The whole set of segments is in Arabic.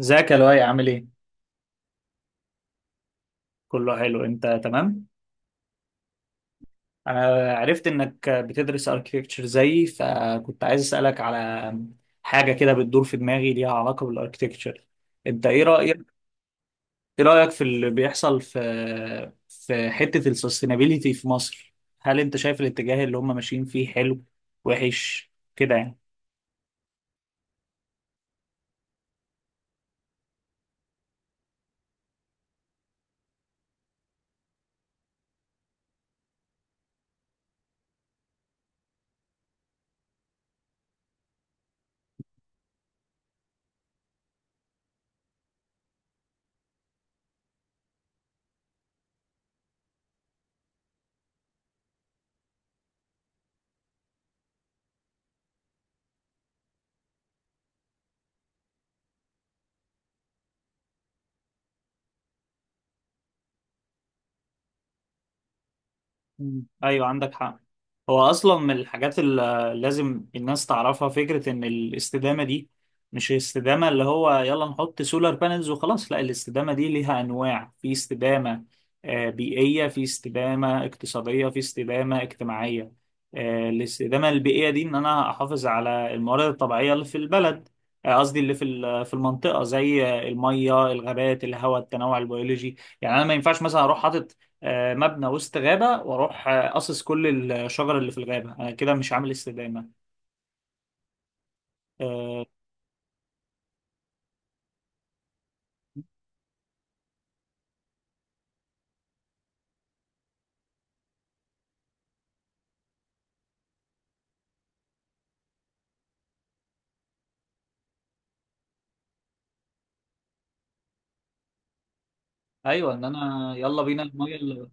ازيك يا لؤي، عامل ايه؟ كله حلو، انت تمام؟ انا عرفت انك بتدرس اركتكتشر زيي، فكنت عايز اسالك على حاجه كده بتدور في دماغي ليها علاقه بالاركتكتشر. انت ايه رايك؟ ايه رايك في اللي بيحصل في حته السستينابيليتي في مصر؟ هل انت شايف الاتجاه اللي هم ماشيين فيه حلو وحش كده يعني؟ مم، ايوه عندك حق. هو اصلا من الحاجات اللي لازم الناس تعرفها فكره ان الاستدامه دي مش الاستدامه اللي هو يلا نحط سولار بانلز وخلاص. لا، الاستدامه دي ليها انواع: في استدامه بيئيه، في استدامه اقتصاديه، في استدامه اجتماعيه. الاستدامه البيئيه دي ان انا احافظ على الموارد الطبيعيه اللي في البلد، قصدي اللي في في المنطقه، زي الميه، الغابات، الهواء، التنوع البيولوجي. يعني انا ما ينفعش مثلا اروح حاطط مبنى وسط غابة واروح قاصص كل الشجر اللي في الغابة. انا كده مش عامل استدامة. ايوه، ان انا يلا بينا المية اللي.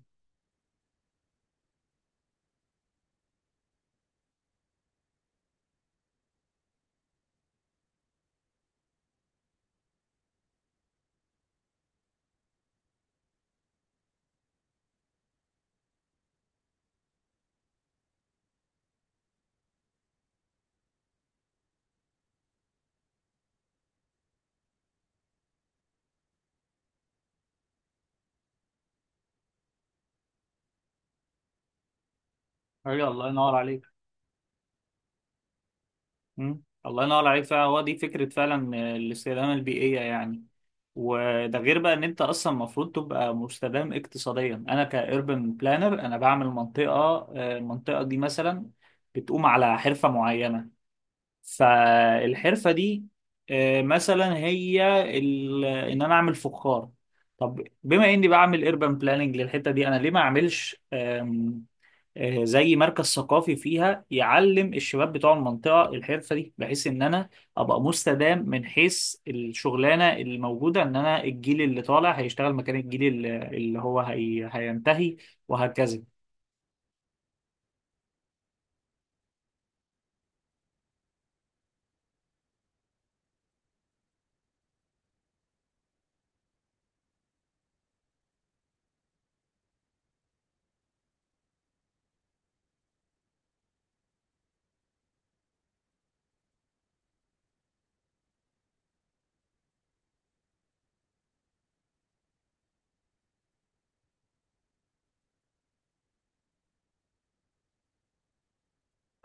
ايوه، الله ينور عليك. مم، الله ينور عليك فعلا. هو دي فكرة فعلا، الاستدامة البيئية يعني. وده غير بقى ان انت اصلا المفروض تبقى مستدام اقتصاديا. انا كاربن بلانر، انا بعمل منطقة، المنطقة دي مثلا بتقوم على حرفة معينة. فالحرفة دي مثلا هي ان انا اعمل فخار. طب بما اني بعمل urban planning للحتة دي، انا ليه ما اعملش زي مركز ثقافي فيها يعلم الشباب بتوع المنطقة الحرفة دي، بحيث ان انا ابقى مستدام من حيث الشغلانة اللي موجودة. ان انا الجيل اللي طالع هيشتغل مكان الجيل اللي هينتهي، وهكذا.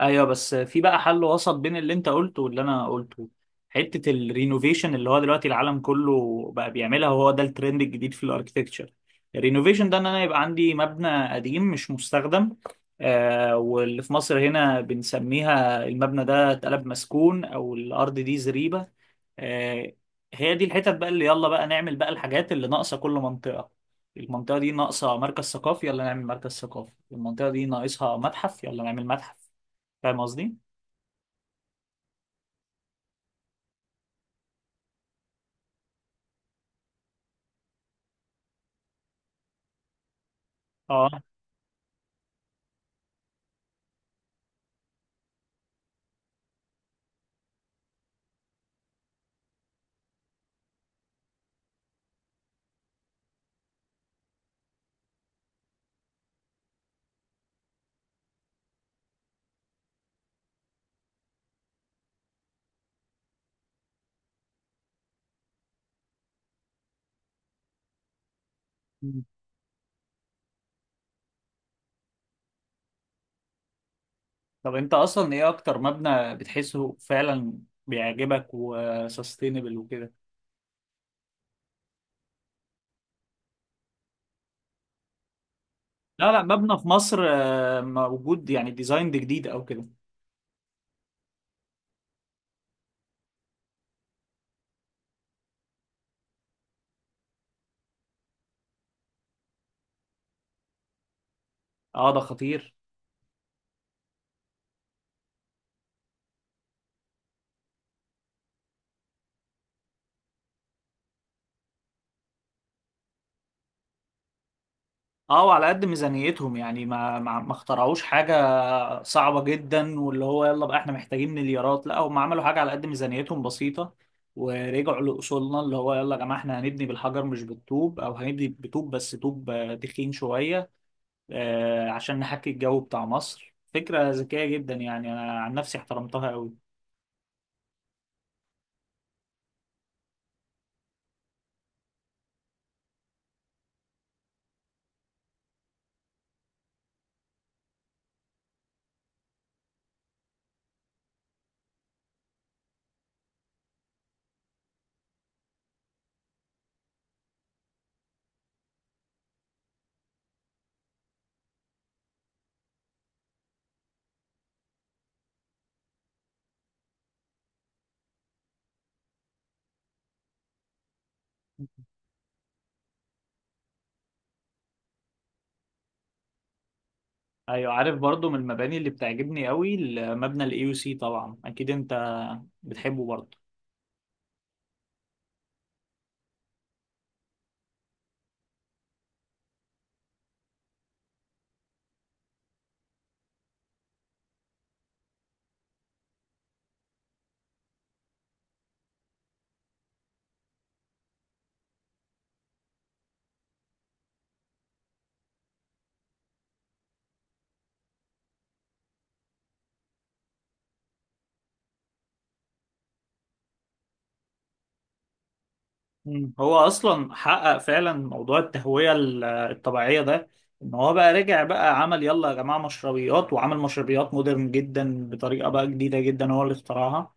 ايوه، بس في بقى حل وسط بين اللي انت قلته واللي انا قلته: حته الرينوفيشن اللي هو دلوقتي العالم كله بقى بيعملها، وهو ده الترند الجديد في الاركتكتشر. الرينوفيشن ده ان انا يبقى عندي مبنى قديم مش مستخدم، واللي في مصر هنا بنسميها المبنى ده اتقلب مسكون او الارض دي زريبه. آه هي دي الحتت بقى اللي يلا بقى نعمل بقى الحاجات اللي ناقصه. كل منطقه، المنطقه دي ناقصه مركز ثقافي، يلا نعمل مركز ثقافي. المنطقه دي ناقصها متحف، يلا نعمل متحف. فاهم قصدي؟ اه. مم. طب انت اصلا ايه اكتر مبنى بتحسه فعلا بيعجبك وسستينبل وكده؟ لا لا، مبنى في مصر موجود، يعني ديزاين ده جديد او كده. اه، ده خطير. اه، وعلى قد ميزانيتهم يعني ما اخترعوش حاجة صعبة جدا واللي هو يلا بقى احنا محتاجين مليارات. لا، هم عملوا حاجة على قد ميزانيتهم بسيطة، ورجعوا لأصولنا. اللي هو يلا يا جماعة احنا هنبني بالحجر مش بالطوب، او هنبني بطوب بس طوب تخين شوية، عشان نحكي الجو بتاع مصر. فكرة ذكية جدا يعني، أنا عن نفسي احترمتها أوي. أيوة، عارف. برضو من المباني اللي بتعجبني أوي المبنى ال AUC، طبعا أكيد أنت بتحبه برضو. هو أصلا حقق فعلا موضوع التهوية الطبيعية ده، إن هو بقى رجع بقى عمل يلا يا جماعة مشربيات، وعمل مشربيات مودرن جدا بطريقة بقى جديدة جدا هو اللي اخترعها.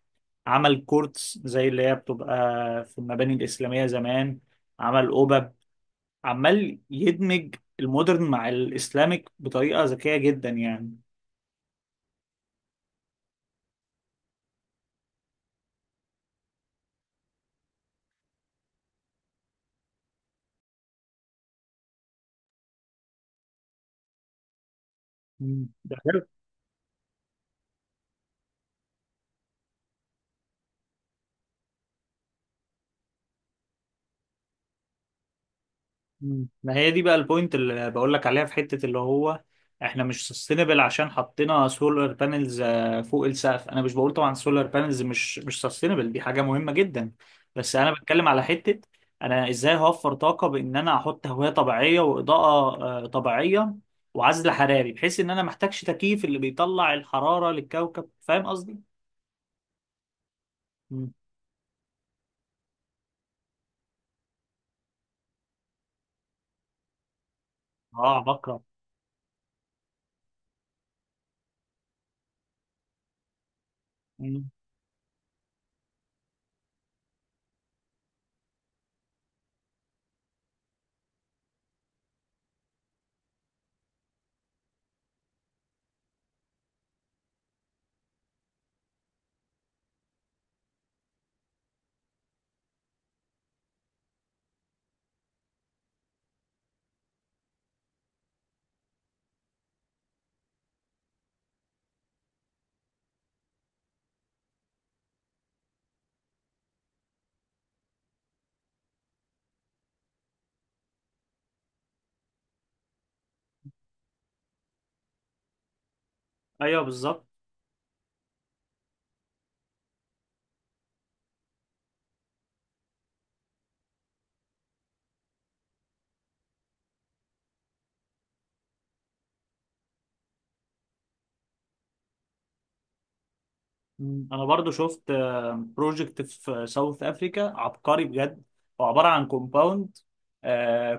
عمل كورتس زي اللي هي بتبقى في المباني الإسلامية زمان. عمل قبب. عمال يدمج المودرن مع الاسلاميك بطريقه ذكيه جدا يعني. ده غير. ما هي دي بقى البوينت اللي بقول لك عليها في حته اللي هو احنا مش سستينبل عشان حطينا سولار بانلز فوق السقف. انا مش بقول طبعا سولار بانلز مش سستينبل، دي حاجه مهمه جدا، بس انا بتكلم على حته انا ازاي هوفر طاقه بان انا احط هوايه طبيعيه واضاءه طبيعيه، وعزل حراري بحيث ان انا محتاجش تكييف اللي بيطلع الحراره للكوكب. فاهم قصدي؟ اه، بكره. مم، ايوه بالظبط. انا برضو شفت بروجكت في ساوث افريكا عبقري بجد. هو عباره عن كومباوند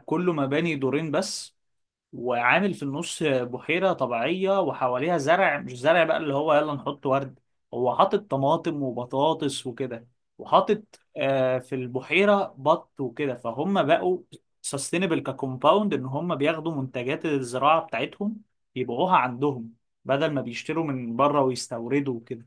كله مباني دورين بس، وعامل في النص بحيرة طبيعية وحواليها زرع. مش زرع بقى اللي هو يلا نحط ورد، هو حاطط طماطم وبطاطس وكده، وحاطط في البحيرة بط وكده. فهم بقوا سستينبل ككومباوند، ان هم بياخدوا منتجات الزراعة بتاعتهم يبيعوها عندهم بدل ما بيشتروا من بره ويستوردوا وكده.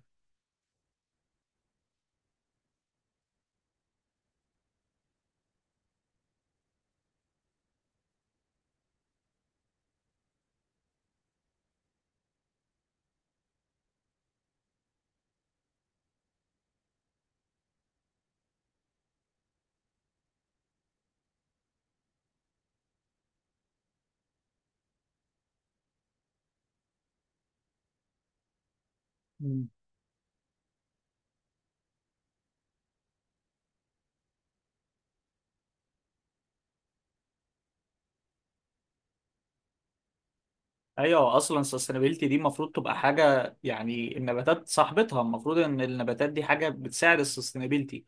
مم، ايوه. اصلا sustainability دي المفروض تبقى حاجه، يعني النباتات صاحبتها، المفروض ان النباتات دي حاجه بتساعد ال sustainability،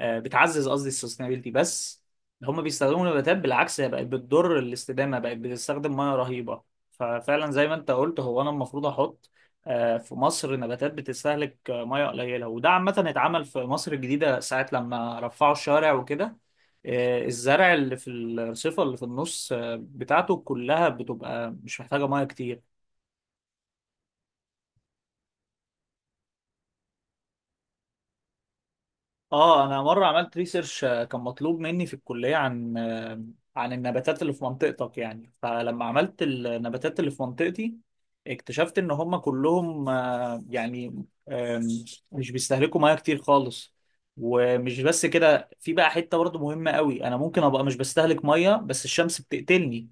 بتعزز قصدي السستينابيلتي. بس هم بيستخدموا نباتات بالعكس، هي بقت بتضر الاستدامه، بقت بتستخدم ميه رهيبه. ففعلا زي ما انت قلت، هو انا المفروض احط في مصر نباتات بتستهلك ميه قليله. وده عامه اتعمل في مصر الجديده ساعه لما رفعوا الشارع وكده، الزرع اللي في الرصيفه اللي في النص بتاعته كلها بتبقى مش محتاجه ميه كتير. اه، انا مره عملت ريسيرش، كان مطلوب مني في الكليه عن عن النباتات اللي في منطقتك يعني، فلما عملت النباتات اللي في منطقتي اكتشفت ان هم كلهم يعني مش بيستهلكوا ميه كتير خالص. ومش بس كده، في بقى حته برضه مهمه قوي: انا ممكن ابقى مش بستهلك ميه بس الشمس بتقتلني.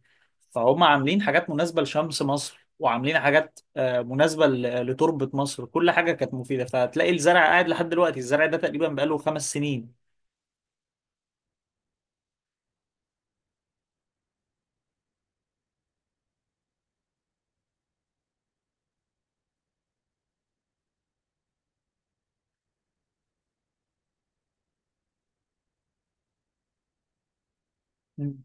فهم عاملين حاجات مناسبه لشمس مصر، وعاملين حاجات مناسبة لتربة مصر. كل حاجة كانت مفيدة، فتلاقي الزرع قاعد لحد دلوقتي. الزرع ده تقريبا بقاله 5 سنين. مم.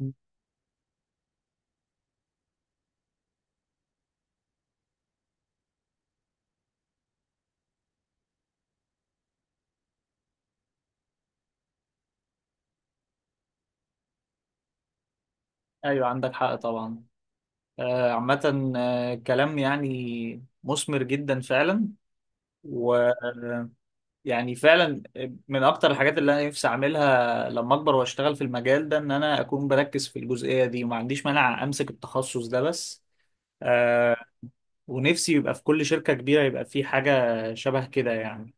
مم، أيوة عندك حق طبعا. عامة، كلام يعني مثمر جدا فعلا، ويعني فعلا من أكتر الحاجات اللي أنا نفسي أعملها لما أكبر وأشتغل في المجال ده إن أنا أكون بركز في الجزئية دي، وما عنديش مانع أمسك التخصص ده بس. آه، ونفسي يبقى في كل شركة كبيرة يبقى في حاجة شبه كده يعني.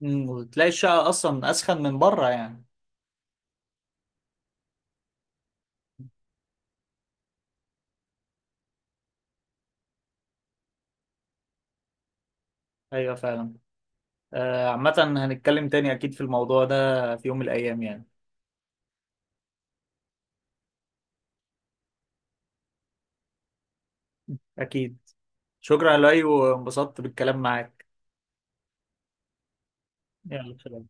وتلاقي الشقة أصلا أسخن من بره يعني. أيوة فعلا. عامة هنتكلم تاني أكيد في الموضوع ده في يوم من الأيام يعني. أكيد. شكرا يا لؤي، وانبسطت بالكلام معاك. يلا سلام.